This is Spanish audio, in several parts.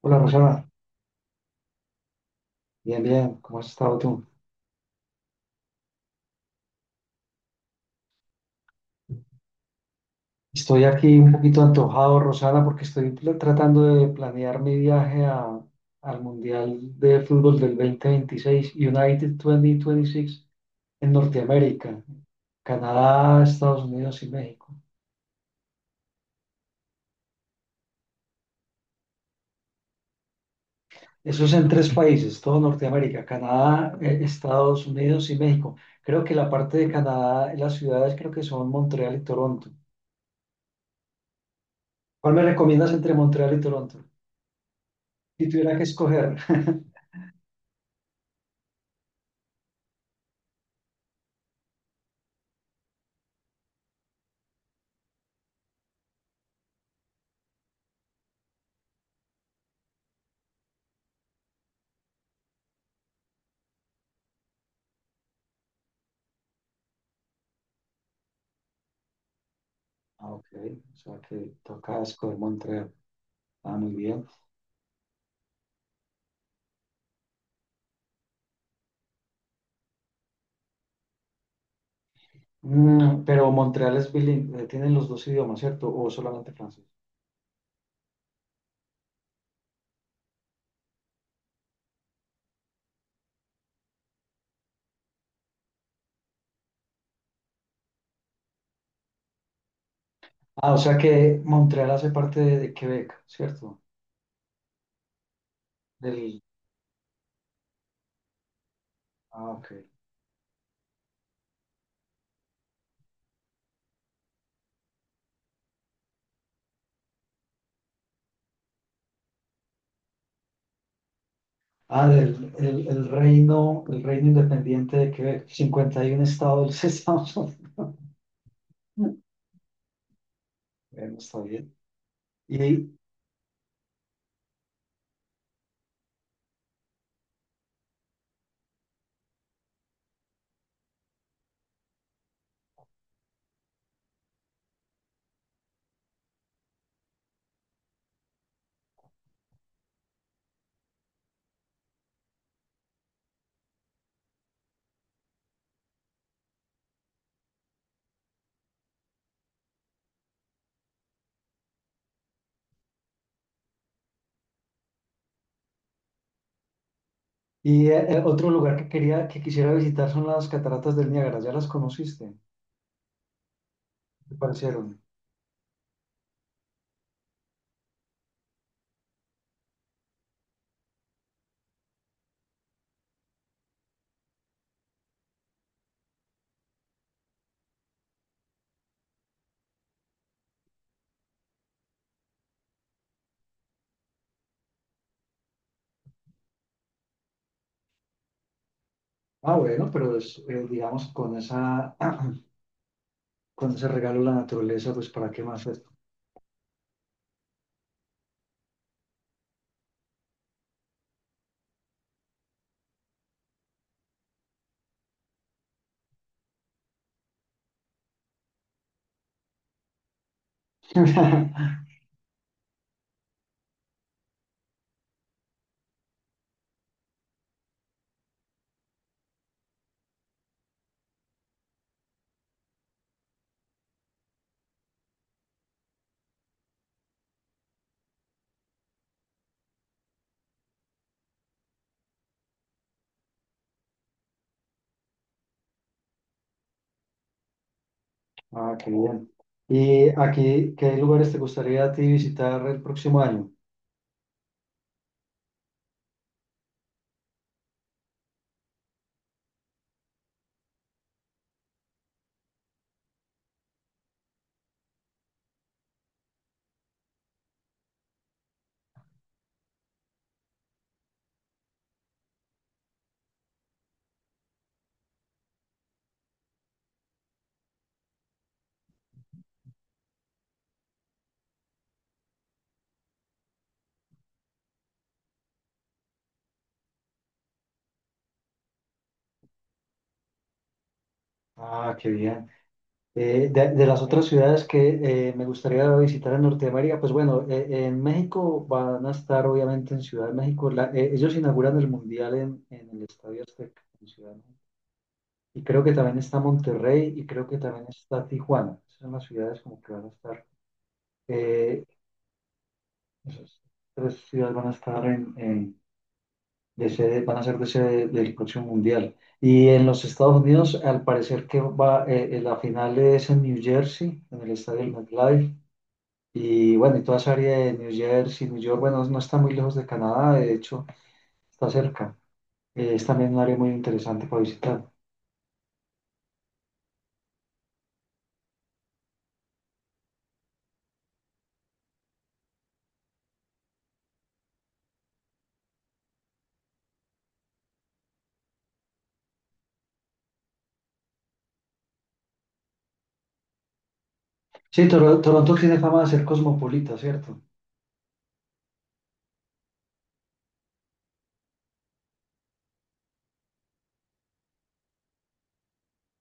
Hola Rosana, bien, bien, ¿cómo has estado tú? Estoy aquí un poquito antojado, Rosana, porque estoy tratando de planear mi viaje al Mundial de Fútbol del 2026, United 2026, en Norteamérica, Canadá, Estados Unidos y México. Eso es en tres países, todo Norteamérica, Canadá, Estados Unidos y México. Creo que la parte de Canadá, las ciudades creo que son Montreal y Toronto. ¿Cuál me recomiendas entre Montreal y Toronto? Si tuviera que escoger. Ah, ok. O sea que toca escoger Montreal. Ah, muy bien. Pero Montreal es bilingüe, tienen los dos idiomas, ¿cierto? O solamente francés. Ah, o sea que Montreal hace parte de Quebec, ¿cierto? Del, ah, ok. Ah, del el, el reino independiente de Quebec, 51 estados de los Estados Unidos. Bueno, está bien. Y, otro lugar que quisiera visitar son las cataratas del Niágara. ¿Ya las conociste? ¿Qué te parecieron? Ah, bueno, pero digamos, con ese regalo de la naturaleza, pues ¿para qué más esto? Ah, qué bien. ¿Y aquí qué lugares te gustaría a ti visitar el próximo año? Ah, qué bien. De las otras ciudades que me gustaría visitar en Norteamérica, pues bueno, en México van a estar obviamente en Ciudad de México. Ellos inauguran el Mundial en el Estadio Azteca, en Ciudad de México. Y creo que también está Monterrey y creo que también está Tijuana. Esas son las ciudades como que van a estar. Eh, Esas tres ciudades van a estar de sede, van a ser de sede del próximo mundial. Y en los Estados Unidos, al parecer que la final es en New Jersey, en el estadio del MetLife. Y bueno, y toda esa área de New Jersey, New York, bueno, no está muy lejos de Canadá, de hecho, está cerca. Es también un área muy interesante para visitar. Sí, Toronto tiene fama de ser cosmopolita, ¿cierto?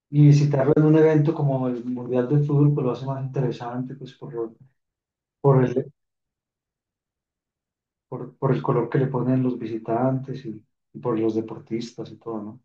Y visitarlo en un evento como el Mundial de Fútbol, pues lo hace más interesante, pues por, lo- por el por el color que le ponen los visitantes y por los deportistas y todo, ¿no?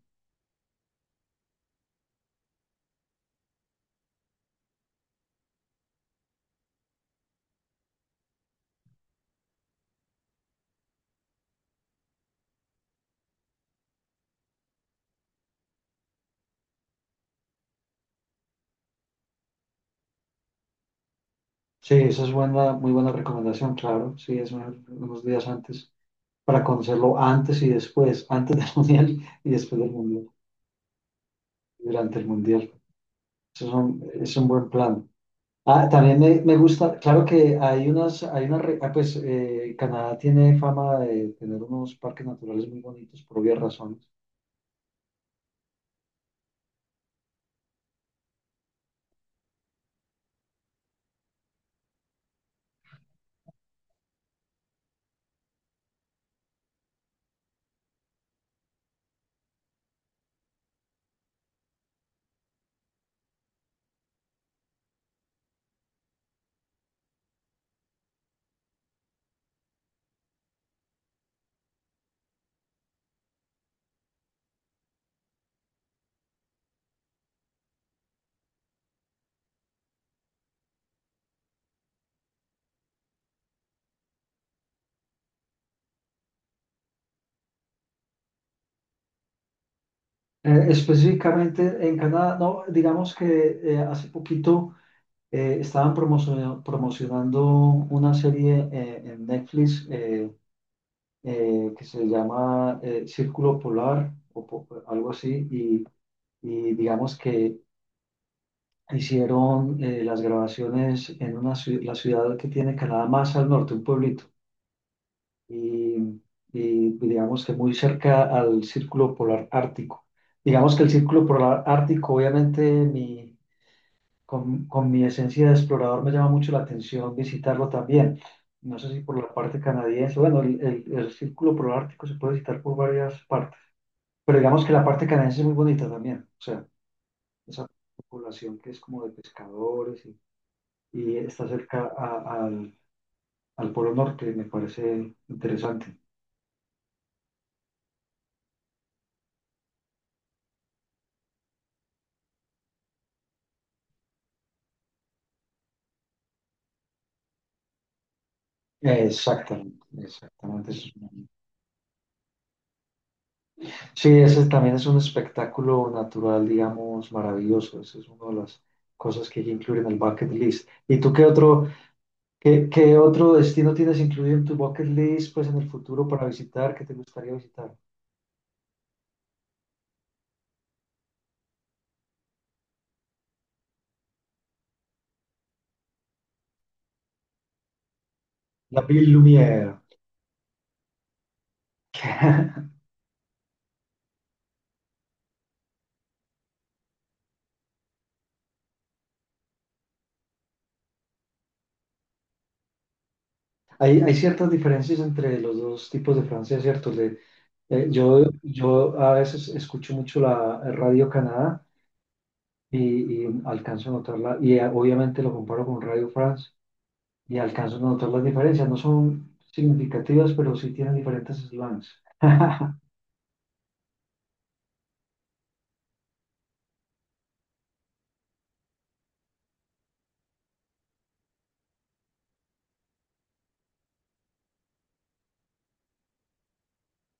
Sí, esa es buena, muy buena recomendación, claro. Sí, unos días antes para conocerlo antes y después, antes del mundial y después del mundial, durante el mundial. Eso es un buen plan. Ah, también me gusta, claro que hay unas, hay una, re- ah, pues Canadá tiene fama de tener unos parques naturales muy bonitos por obvias razones. Específicamente en Canadá, no, digamos que hace poquito. Eh, estaban promocionando una serie en Netflix, que se llama Círculo Polar o algo así y digamos que hicieron, las grabaciones en la ciudad que tiene Canadá más al norte, un pueblito, y, y digamos que muy cerca al Círculo Polar Ártico. Digamos que el Círculo Polar Ártico, obviamente, con mi esencia de explorador me llama mucho la atención visitarlo también. No sé si por la parte canadiense, bueno, el Círculo Polar Ártico se puede visitar por varias partes, pero digamos que la parte canadiense es muy bonita también, o sea, esa población que es como de pescadores y está cerca al Polo Norte, me parece interesante. Exactamente, exactamente. Eso es. Sí, ese también es un espectáculo natural, digamos, maravilloso. Esa es una de las cosas que hay que incluir en el bucket list. ¿Y tú qué otro, qué otro destino tienes incluido en tu bucket list, pues en el futuro para visitar, que te gustaría visitar? La Ville Lumière. Hay ciertas diferencias entre los dos tipos de Francia, ¿cierto? Yo a veces escucho mucho la Radio Canadá y alcanzo a notarla, y obviamente lo comparo con Radio France y alcanzo a notar las diferencias. No son significativas, pero sí tienen diferentes eslanes.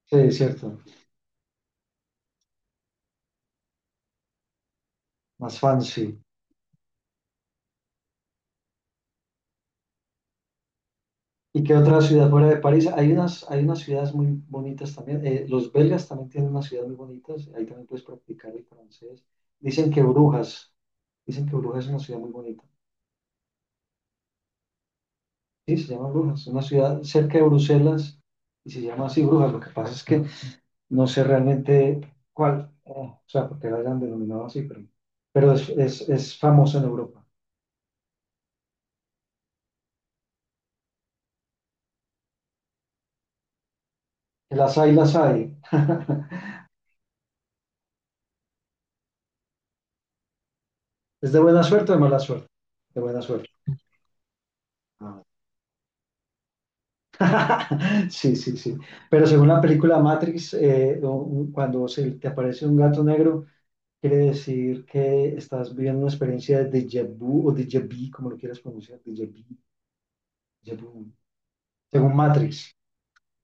Sí, es cierto, más fancy. ¿Y qué otra ciudad fuera de París? Hay unas ciudades muy bonitas también. Los belgas también tienen unas ciudades muy bonitas. Ahí también puedes practicar el francés. Dicen que Brujas, dicen que Brujas es una ciudad muy bonita. Sí, se llama Brujas, es una ciudad cerca de Bruselas y se llama así Brujas. Lo que pasa es que no sé realmente cuál, o sea, porque la hayan denominado así, pero es famosa en Europa. Las hay, las hay. ¿Es de buena suerte o de mala suerte? De buena suerte. Ah, sí, sí, sí. Pero según la película Matrix, cuando se te aparece un gato negro, quiere decir que estás viviendo una experiencia de déjà vu o déjà vu, como lo quieras pronunciar, déjà vu, según Matrix.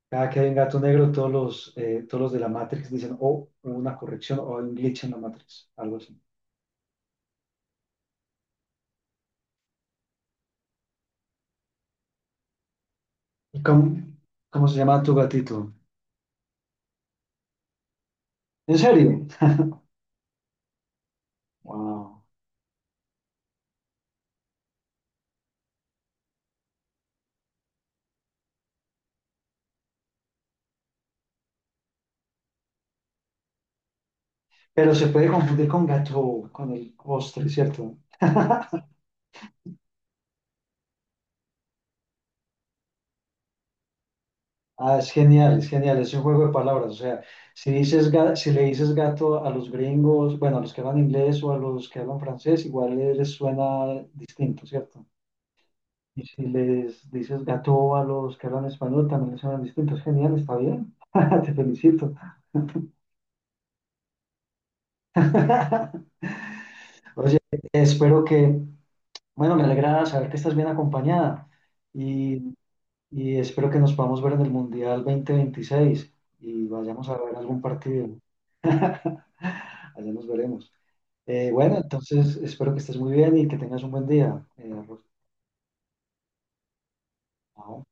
Cada que hay un gato negro, todos los de la Matrix dicen, oh, hubo una corrección o hay un glitch en la Matrix, algo así. ¿Y cómo se llama tu gatito? ¿En serio? Wow. Pero se puede confundir con gato, con el postre, ¿cierto? Ah, es genial, es genial, es un juego de palabras. O sea, si si le dices gato a los gringos, bueno, a los que hablan inglés o a los que hablan francés, igual les suena distinto, ¿cierto? Y si les dices gato a los que hablan español, también les suenan distintos. Genial, está bien. Te felicito. Oye, espero que, bueno, me alegra saber que estás bien acompañada y, y espero que nos podamos ver en el Mundial 2026 y vayamos a ver algún partido. Allá nos veremos. Bueno, entonces espero que estés muy bien y que tengas un buen día. Ruth. Chao.